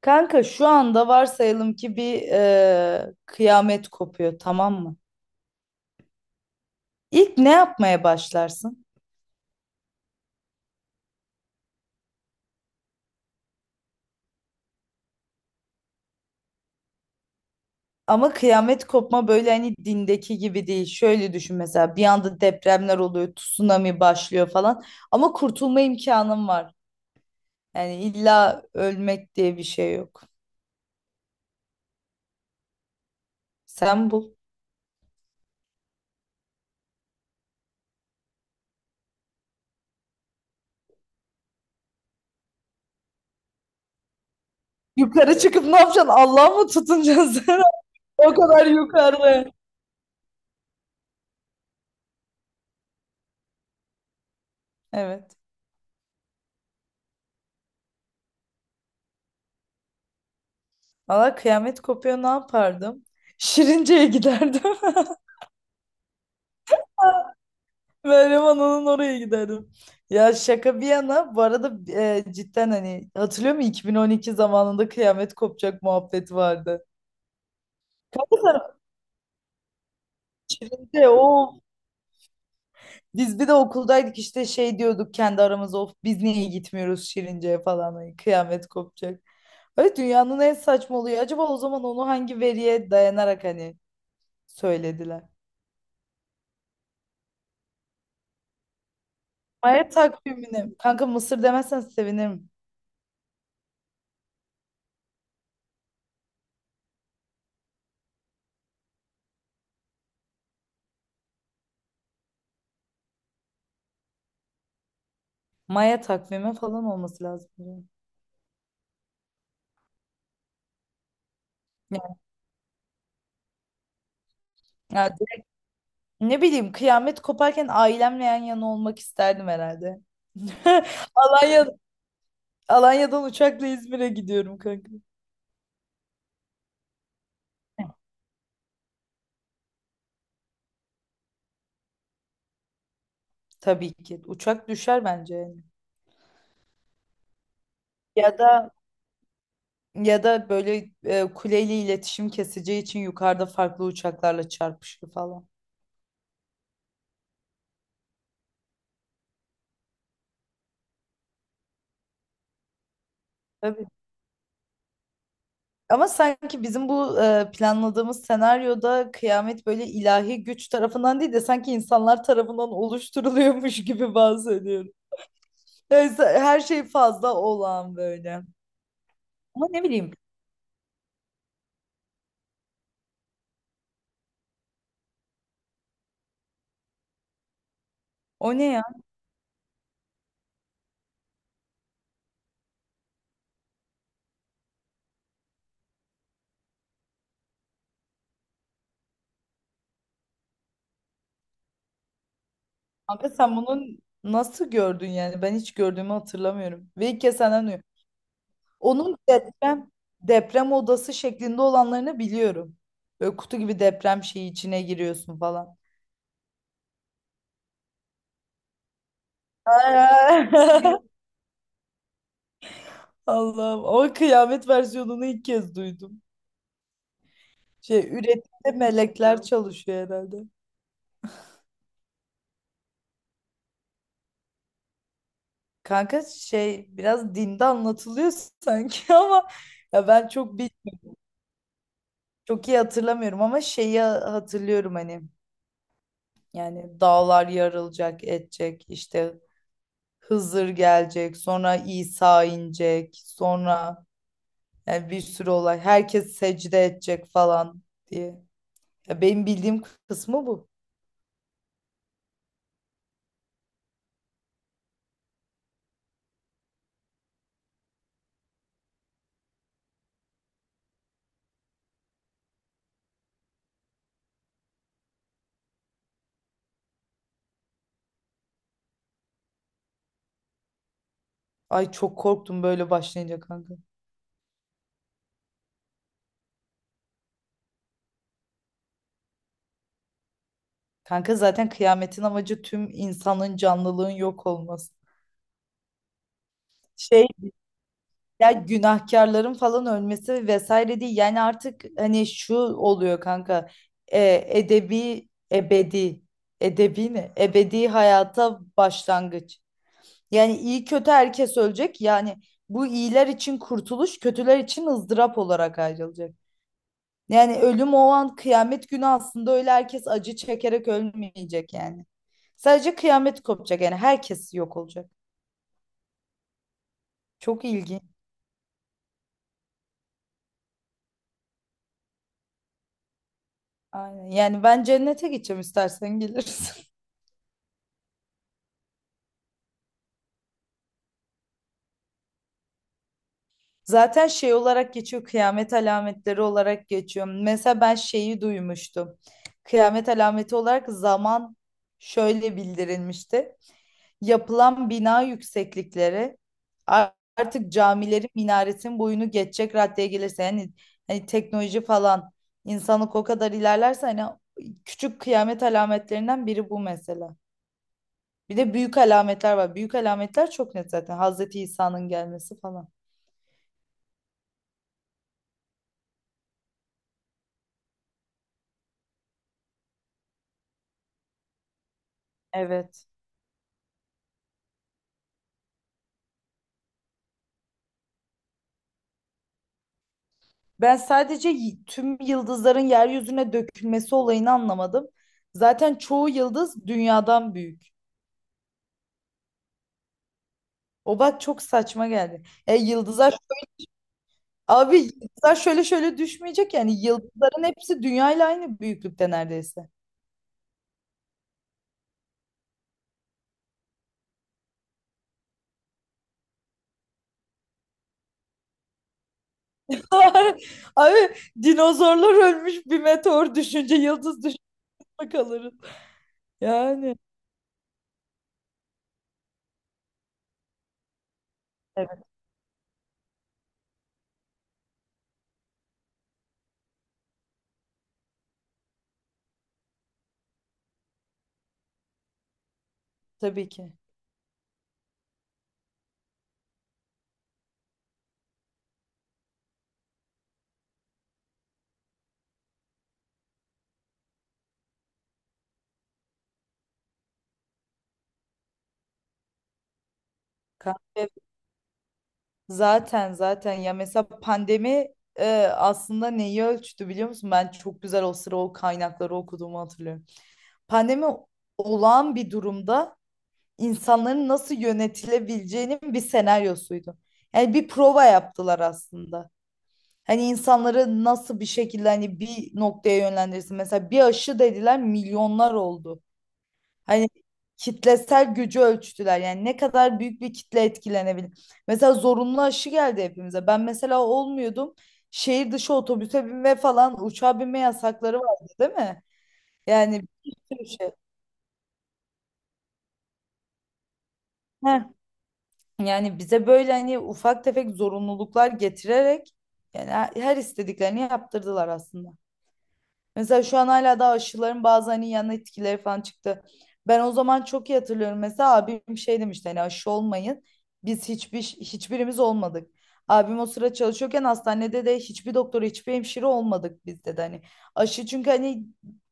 Kanka şu anda varsayalım ki bir kıyamet kopuyor, tamam mı? İlk ne yapmaya başlarsın? Ama kıyamet kopma böyle hani dindeki gibi değil. Şöyle düşün, mesela bir anda depremler oluyor, tsunami başlıyor falan. Ama kurtulma imkanın var. Yani illa ölmek diye bir şey yok. Sen bul. Yukarı çıkıp ne yapacaksın? Allah'a mı tutunacaksın sen? O kadar yukarı. Evet. Valla kıyamet kopuyor, ne yapardım? Şirince'ye giderdim. Meryem onun oraya giderdim. Ya şaka bir yana, bu arada cidden hani hatırlıyor musun, 2012 zamanında kıyamet kopacak muhabbeti vardı. Kanka sen önce o, biz bir de okuldaydık işte, şey diyorduk kendi aramızda, of biz niye gitmiyoruz Şirince'ye falan, hani kıyamet kopacak. Öyle dünyanın en saçma oluyor. Acaba o zaman onu hangi veriye dayanarak hani söylediler? Maya takvimine. Kanka Mısır demezsen sevinirim. Maya takvimi falan olması lazım. Yani ne bileyim, kıyamet koparken ailemle yan yana olmak isterdim herhalde. Alanya, Alanya'dan uçakla İzmir'e gidiyorum kanka. Tabii ki. Uçak düşer bence yani. Ya da, ya da böyle kuleyle iletişim keseceği için yukarıda farklı uçaklarla çarpışır falan. Tabii. Ama sanki bizim bu planladığımız senaryoda kıyamet böyle ilahi güç tarafından değil de sanki insanlar tarafından oluşturuluyormuş gibi bahsediyorum. Yani her şey fazla olağan böyle. Ama ne bileyim, o ne ya? Kanka sen bunun nasıl gördün yani? Ben hiç gördüğümü hatırlamıyorum. Ve ilk kez senden duyuyorum. Onun deprem odası şeklinde olanlarını biliyorum. Böyle kutu gibi, deprem şeyi içine giriyorsun falan. Allah'ım, o kıyamet versiyonunu ilk kez duydum. Şey üretimde melekler çalışıyor herhalde. Kanka şey, biraz dinde anlatılıyor sanki ama ya ben çok iyi hatırlamıyorum ama şeyi hatırlıyorum hani. Yani dağlar yarılacak, edecek, işte Hızır gelecek, sonra İsa inecek, sonra yani bir sürü olay. Herkes secde edecek falan diye. Ya benim bildiğim kısmı bu. Ay çok korktum böyle başlayınca kanka. Kanka zaten kıyametin amacı tüm insanın, canlılığın yok olması. Şey, ya günahkarların falan ölmesi vesaire değil. Yani artık hani şu oluyor kanka. Edebi, ebedi. Edebi ne? Ebedi hayata başlangıç. Yani iyi kötü herkes ölecek. Yani bu iyiler için kurtuluş, kötüler için ızdırap olarak ayrılacak. Yani ölüm o an, kıyamet günü, aslında öyle herkes acı çekerek ölmeyecek yani. Sadece kıyamet kopacak, yani herkes yok olacak. Çok ilginç. Aynen. Yani ben cennete gideceğim, istersen gelirsin. Zaten şey olarak geçiyor, kıyamet alametleri olarak geçiyor. Mesela ben şeyi duymuştum. Kıyamet alameti olarak zaman şöyle bildirilmişti. Yapılan bina yükseklikleri artık camilerin minaretin boyunu geçecek raddeye gelirse, yani hani teknoloji falan, insanlık o kadar ilerlerse, hani küçük kıyamet alametlerinden biri bu mesela. Bir de büyük alametler var. Büyük alametler çok net zaten. Hazreti İsa'nın gelmesi falan. Evet. Ben sadece tüm yıldızların yeryüzüne dökülmesi olayını anlamadım. Zaten çoğu yıldız dünyadan büyük. O bak çok saçma geldi. E yıldızlar abi, yıldızlar şöyle şöyle düşmeyecek, yani yıldızların hepsi dünyayla aynı büyüklükte neredeyse. Abi, dinozorlar ölmüş bir meteor düşünce, yıldız düşünce kalırız. Yani. Evet, tabii ki. Zaten ya mesela pandemi e, aslında neyi ölçtü biliyor musun? Ben çok güzel o sıra o kaynakları okuduğumu hatırlıyorum. Pandemi, olağan bir durumda insanların nasıl yönetilebileceğinin bir senaryosuydu. Yani bir prova yaptılar aslında. Hani insanları nasıl bir şekilde, hani bir noktaya yönlendirirsin. Mesela bir aşı dediler, milyonlar oldu. Hani kitlesel gücü ölçtüler. Yani ne kadar büyük bir kitle etkilenebilir. Mesela zorunlu aşı geldi hepimize. Ben mesela olmuyordum. Şehir dışı otobüse binme falan, uçağa binme yasakları vardı değil mi? Yani bir sürü şey. Heh. Yani bize böyle hani ufak tefek zorunluluklar getirerek yani her istediklerini yaptırdılar aslında. Mesela şu an hala daha aşıların bazı hani yan etkileri falan çıktı. Ben o zaman çok iyi hatırlıyorum. Mesela abim şey demişti, hani aşı olmayın. Biz hiçbirimiz olmadık. Abim o sıra çalışıyorken hastanede de hiçbir doktor, hiçbir hemşire olmadık biz dedi hani. Aşı çünkü hani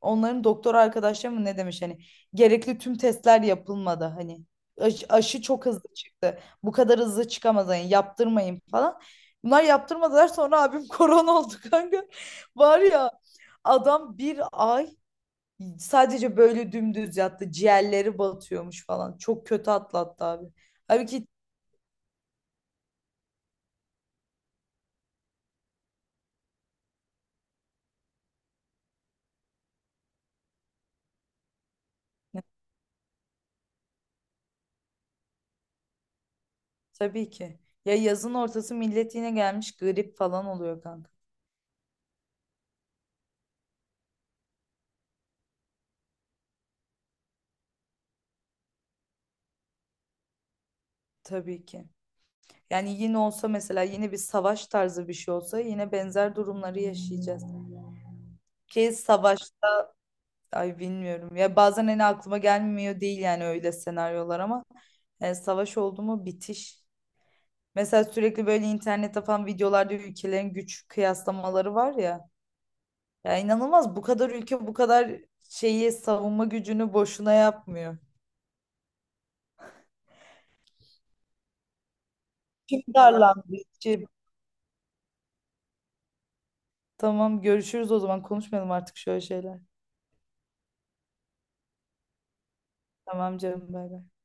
onların doktor arkadaşları mı ne demiş hani, gerekli tüm testler yapılmadı hani. Aşı çok hızlı çıktı. Bu kadar hızlı çıkamaz hani, yaptırmayın falan. Bunlar yaptırmadılar, sonra abim korona oldu kanka. Var ya, adam bir ay sadece böyle dümdüz yattı. Ciğerleri batıyormuş falan. Çok kötü atlattı abi. Halbuki tabii ki. Ya yazın ortası millet yine gelmiş grip falan oluyor kanka. Tabii ki. Yani yine olsa, mesela yine bir savaş tarzı bir şey olsa, yine benzer durumları yaşayacağız. Ki savaş, ay bilmiyorum. Ya bazen hani aklıma gelmiyor değil yani, öyle senaryolar ama yani savaş oldu mu bitiş. Mesela sürekli böyle internette falan videolarda ülkelerin güç kıyaslamaları var ya. Ya inanılmaz, bu kadar ülke bu kadar şeyi, savunma gücünü boşuna yapmıyor. Kim darlandı? Kim? Tamam, görüşürüz o zaman, konuşmayalım artık şöyle şeyler. Tamam canım, bay bay.